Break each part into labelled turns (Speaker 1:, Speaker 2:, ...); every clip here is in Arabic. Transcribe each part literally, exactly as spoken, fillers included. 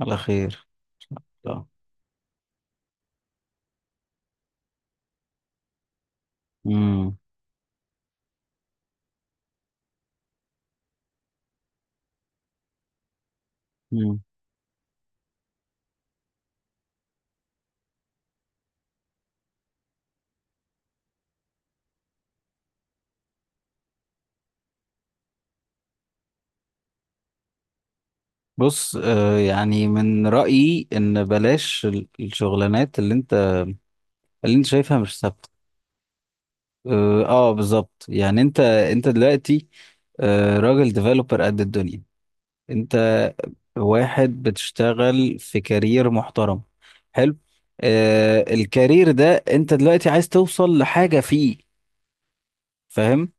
Speaker 1: على خير. لا. مم. مم. بص، آه يعني من رأيي ان بلاش ال- الشغلانات اللي انت، اللي انت شايفها مش ثابتة. اه آه، بالظبط، يعني انت انت دلوقتي آه راجل ديفلوبر قد الدنيا. انت واحد بتشتغل في كارير محترم، حلو. آه الكارير ده انت دلوقتي عايز توصل لحاجة فيه، فاهم؟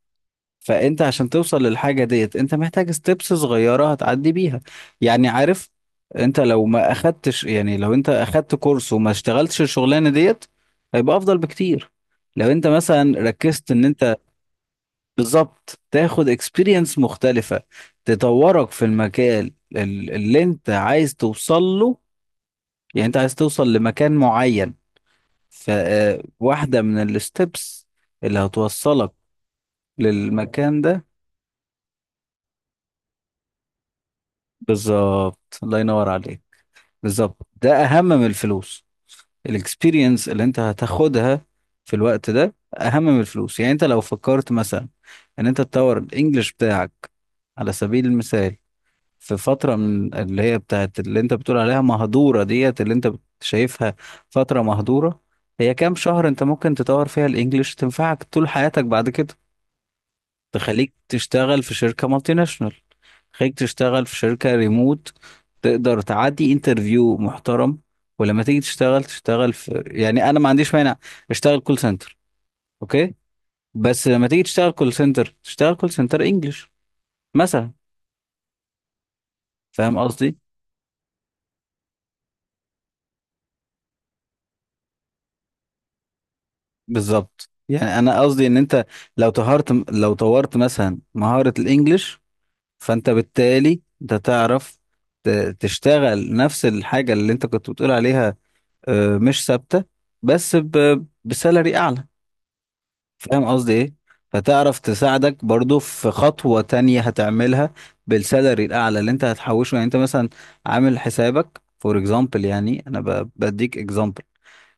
Speaker 1: فانت عشان توصل للحاجه ديت، انت محتاج ستيبس صغيره هتعدي بيها، يعني عارف. انت لو ما اخدتش، يعني لو انت اخدت كورس وما اشتغلتش الشغلانه ديت، هيبقى افضل بكتير. لو انت مثلا ركزت ان انت، بالظبط، تاخد اكسبيرينس مختلفه، تطورك في المكان ال- اللي انت عايز توصل له. يعني انت عايز توصل لمكان معين، فواحده من الستبس اللي هتوصلك للمكان ده. بالظبط، الله ينور عليك. بالظبط، ده اهم من الفلوس. الاكسبيرينس اللي انت هتاخدها في الوقت ده اهم من الفلوس. يعني انت لو فكرت مثلا ان انت تطور الانجليش بتاعك على سبيل المثال، في فترة من اللي هي بتاعت اللي انت بتقول عليها مهدورة ديت، اللي انت شايفها فترة مهدورة. هي كام شهر انت ممكن تطور فيها الانجليش تنفعك طول حياتك بعد كده. تخليك تشتغل في شركة مالتي ناشونال، تخليك تشتغل في شركة ريموت، تقدر تعدي انترفيو محترم. ولما تيجي تشتغل، تشتغل في، يعني انا ما عنديش مانع اشتغل كول سنتر، اوكي، بس لما تيجي تشتغل كول سنتر، تشتغل كول سنتر انجلش مثلا. فاهم قصدي؟ بالظبط، يعني انا قصدي ان انت لو طهرت، لو طورت مثلا مهارة الانجليش، فانت بالتالي انت تعرف ت- تشتغل نفس الحاجة اللي انت كنت بتقول عليها آه، مش ثابتة بس ب- بسالري أعلى. فاهم قصدي إيه؟ فتعرف تساعدك برضو في خطوة تانية هتعملها بالسالري الأعلى اللي أنت هتحوشه. يعني أنت مثلا عامل حسابك فور إكزامبل، يعني أنا ب- بديك إكزامبل.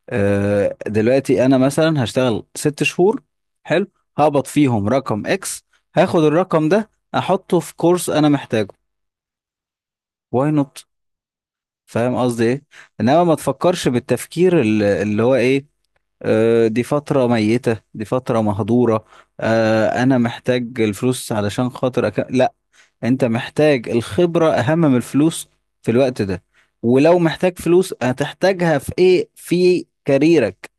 Speaker 1: آه، دلوقتي أنا مثلا هشتغل ست شهور، حلو، هقبض فيهم رقم إكس، هاخد الرقم ده أحطه في كورس أنا محتاجه. واي نوت؟ فاهم قصدي إيه؟ إنما ما تفكرش بالتفكير اللي، اللي هو إيه، آه، دي فترة ميتة، دي فترة مهدورة، آه، أنا محتاج الفلوس علشان خاطر أك... لا، أنت محتاج الخبرة أهم من الفلوس في الوقت ده. ولو محتاج فلوس، هتحتاجها في إيه؟ في كاريرك.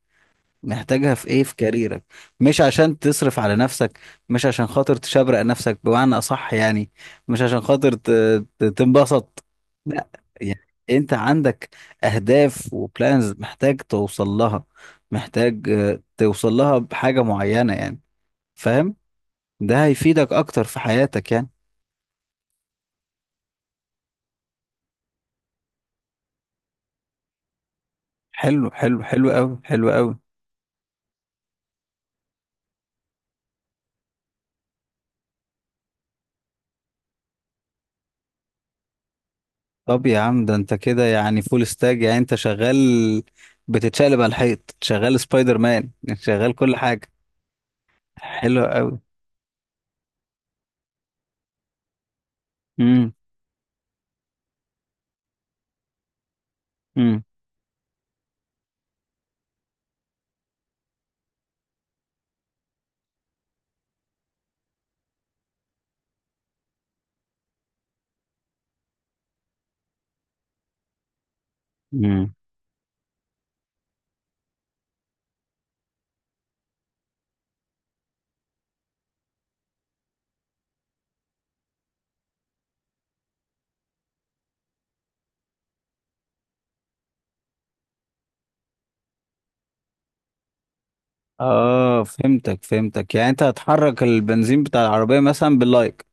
Speaker 1: محتاجها في ايه؟ في كاريرك. مش عشان تصرف على نفسك، مش عشان خاطر تشبرق نفسك بمعنى اصح يعني، مش عشان خاطر ت- ت- تنبسط. لا، يعني انت عندك اهداف وبلانز محتاج توصل لها، محتاج آه، توصل لها بحاجة معينة يعني، فاهم. ده هيفيدك اكتر في حياتك يعني. حلو، حلو، حلو قوي، حلو قوي. طب يا عم ده انت كده يعني فول ستاج، يعني انت شغال، بتتشقلب على الحيط، شغال سبايدر مان، شغال كل حاجة. حلو قوي. امم امم امم اه، فهمتك فهمتك. يعني انت هتحرك البنزين بتاع العربية مثلا باللايك،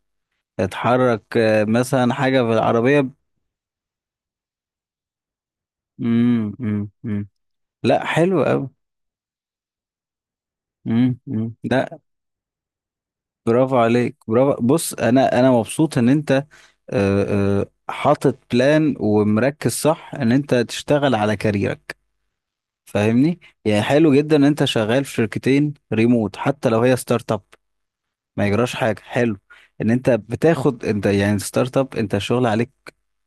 Speaker 1: هتحرك آه، مثلا حاجة في العربية. امم امم امم لا، حلو قوي. امم امم لا، برافو عليك، برافو. بص، انا انا مبسوط ان انت آه، آه، حاطط بلان ومركز صح ان انت تشتغل على كاريرك، فاهمني؟ يعني حلو جدا ان انت شغال في شركتين ريموت، حتى لو هي ستارت اب، ما يجراش حاجه. حلو ان انت بتاخد، انت يعني ستارت اب انت الشغل عليك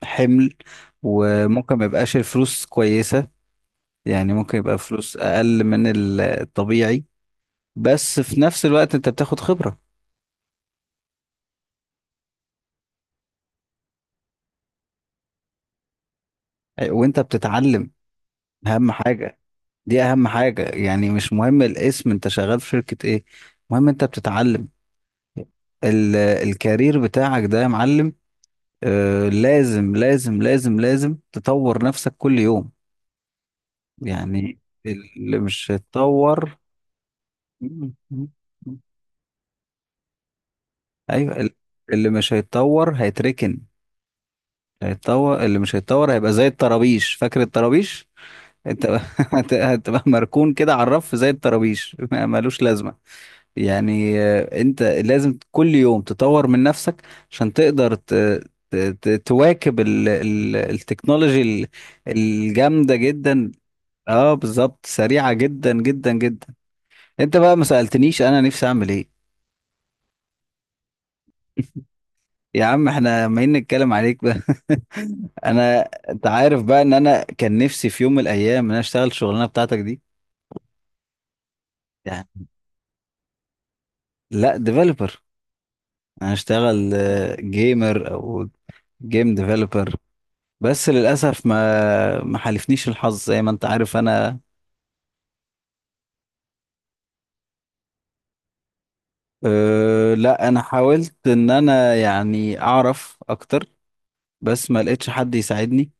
Speaker 1: حمل، وممكن ما يبقاش الفلوس كويسه، يعني ممكن يبقى فلوس اقل من ال- الطبيعي، بس في نفس الوقت انت بتاخد خبره وانت بتتعلم، اهم حاجه. دي اهم حاجه، يعني مش مهم الاسم انت شغال في شركه ايه، المهم انت بتتعلم. ال- الكارير بتاعك ده يا معلم، آه لازم لازم لازم لازم تطور نفسك كل يوم، يعني اللي مش هيتطور. مم. مم. ايوه، ال- اللي مش هيتطور هيتركن. هيتطور، اللي مش هيتطور هيبقى زي الطرابيش، فاكر الطرابيش؟ انت هت- هتبقى مركون كده على الرف زي الطرابيش، ما ملوش لازمه. يعني آه، انت لازم كل يوم تطور من نفسك عشان تقدر ت... ت... ت- تواكب ال... ال... التكنولوجي ال- الجامده جدا. اه بالظبط، سريعه جدا جدا جدا. انت بقى ما سالتنيش انا نفسي اعمل ايه. يا عم احنا ما نتكلم عليك بقى. انا، انت عارف بقى ان انا كان نفسي في يوم من الايام ان انا اشتغل الشغلانه بتاعتك دي، يعني. لا، ديفلوبر. انا اشتغل جيمر او جيم ديفلوبر، بس للاسف ما ما حالفنيش الحظ، زي ما انت عارف انا. اه، لا انا حاولت ان انا يعني اعرف اكتر، بس ما لقيتش حد يساعدني.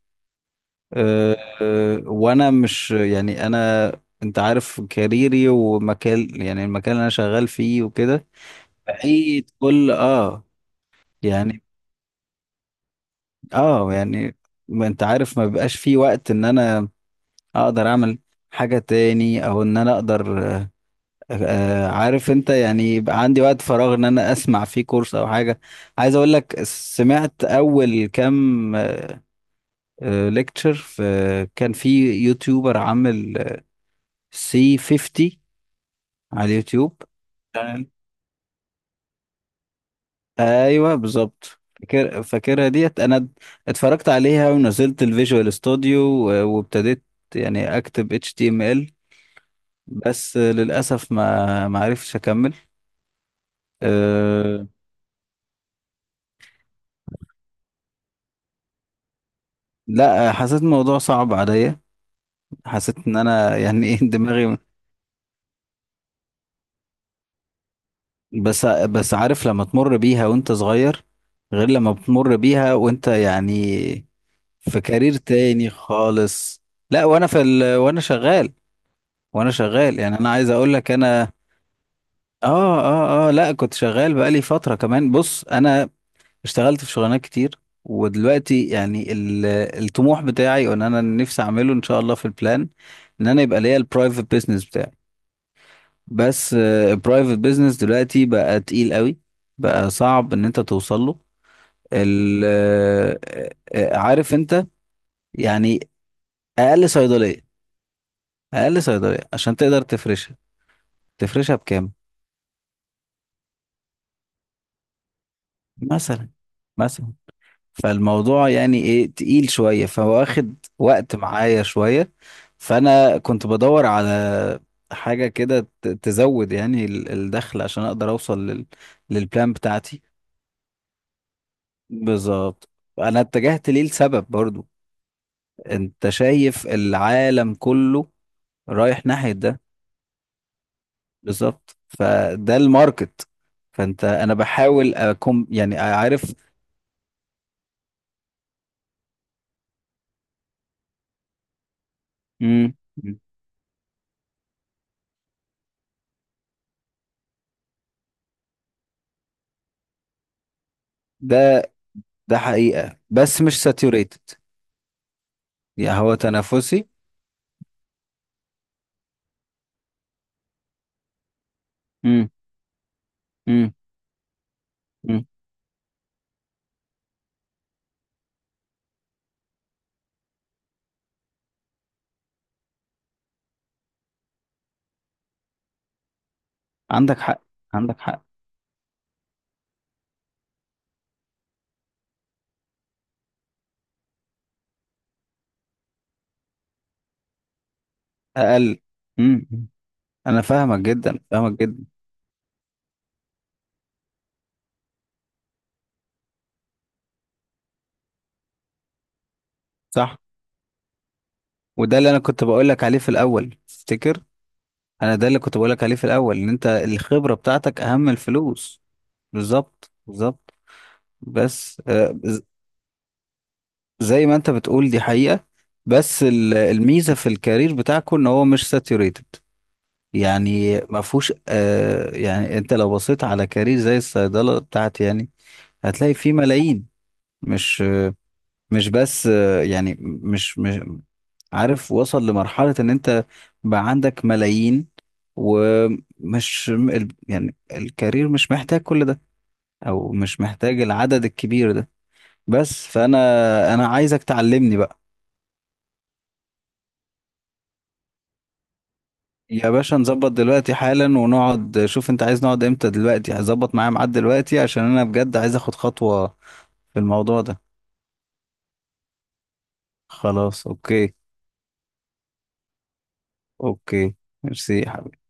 Speaker 1: اه. اه وانا مش يعني انا، انت عارف كاريري ومكان، يعني المكان اللي انا شغال فيه وكده بعيد كل اه، يعني اه، يعني ما انت عارف ما بيبقاش في وقت ان انا اقدر اعمل حاجة تاني، او ان انا اقدر آه آه، عارف انت يعني، يبقى عندي وقت فراغ ان انا اسمع فيه كورس او حاجة. عايز اقول لك، سمعت اول كام ليكتشر في، كان في يوتيوبر عامل سي فيفتي على اليوتيوب. ايوه بالظبط، فاكر فاكرها ديت انا. اتفرجت عليها ونزلت الفيجوال ستوديو، و- وابتديت يعني اكتب إتش تي إم إل، بس للاسف ما ما عرفتش اكمل. أه. لا، حسيت الموضوع صعب عليا، حسيت ان انا يعني ايه دماغي. بس بس عارف لما تمر بيها وانت صغير، غير لما بتمر بيها وانت يعني في كارير تاني خالص. لا وانا في ال... وانا شغال، وانا شغال. يعني انا عايز اقول لك، انا اه اه اه، لا كنت شغال بقالي فترة كمان. بص انا اشتغلت في شغلانات كتير، ودلوقتي يعني ال- الطموح بتاعي وان انا نفسي اعمله ان شاء الله في البلان ان انا يبقى ليا البرايفت بيزنس بتاعي، بس البرايفت بيزنس دلوقتي بقى تقيل قوي، بقى صعب ان انت توصل له. ال- آه، آه، عارف انت يعني، اقل صيدلية، اقل صيدلية عشان تقدر تفرشها، تفرشها بكام؟ مثلا، مثلا. فالموضوع يعني ايه، تقيل شوية، فواخد وقت معايا شوية. فانا كنت بدور على حاجة كده ت- تزود يعني ال- الدخل عشان اقدر اوصل لل...، للبلان بتاعتي. بالظبط. انا اتجهت ليه لسبب برضو، انت شايف العالم كله رايح ناحية ده. بالظبط، فده الماركت. فانت، انا بحاول اكون يعني عارف. مم. ده، ده حقيقة بس مش ساتوريتد، يعني هو تنافسي. امم امم امم عندك حق، عندك حق. اقل. امم. امم. انا فاهمك جدا، فاهمك جدا. صح، وده اللي انا كنت بقول لك عليه في الاول، تفتكر انا ده اللي كنت بقول لك عليه في الاول ان انت الخبرة بتاعتك اهم من الفلوس. بالظبط، بالظبط. بس آه، ز- زي ما انت بتقول دي حقيقة، بس ال- الميزة في الكارير بتاعكم ان هو مش ساتيوريتد. يعني ما فيهوش آه يعني، انت لو بصيت على كارير زي الصيدلة بتاعتي يعني هتلاقي فيه ملايين. مش مش بس آه، يعني مش مش عارف، وصل لمرحلة ان انت بقى عندك ملايين، ومش ال- يعني الكارير مش محتاج كل ده، او مش محتاج العدد الكبير ده. بس فانا، انا عايزك تعلمني بقى. يا باشا نظبط دلوقتي حالا، ونقعد. شوف انت عايز نقعد امتى، دلوقتي هظبط معايا ميعاد دلوقتي عشان انا بجد عايز اخد خطوة في الموضوع ده. خلاص اوكي. اوكي، ميرسي يا حبيبي.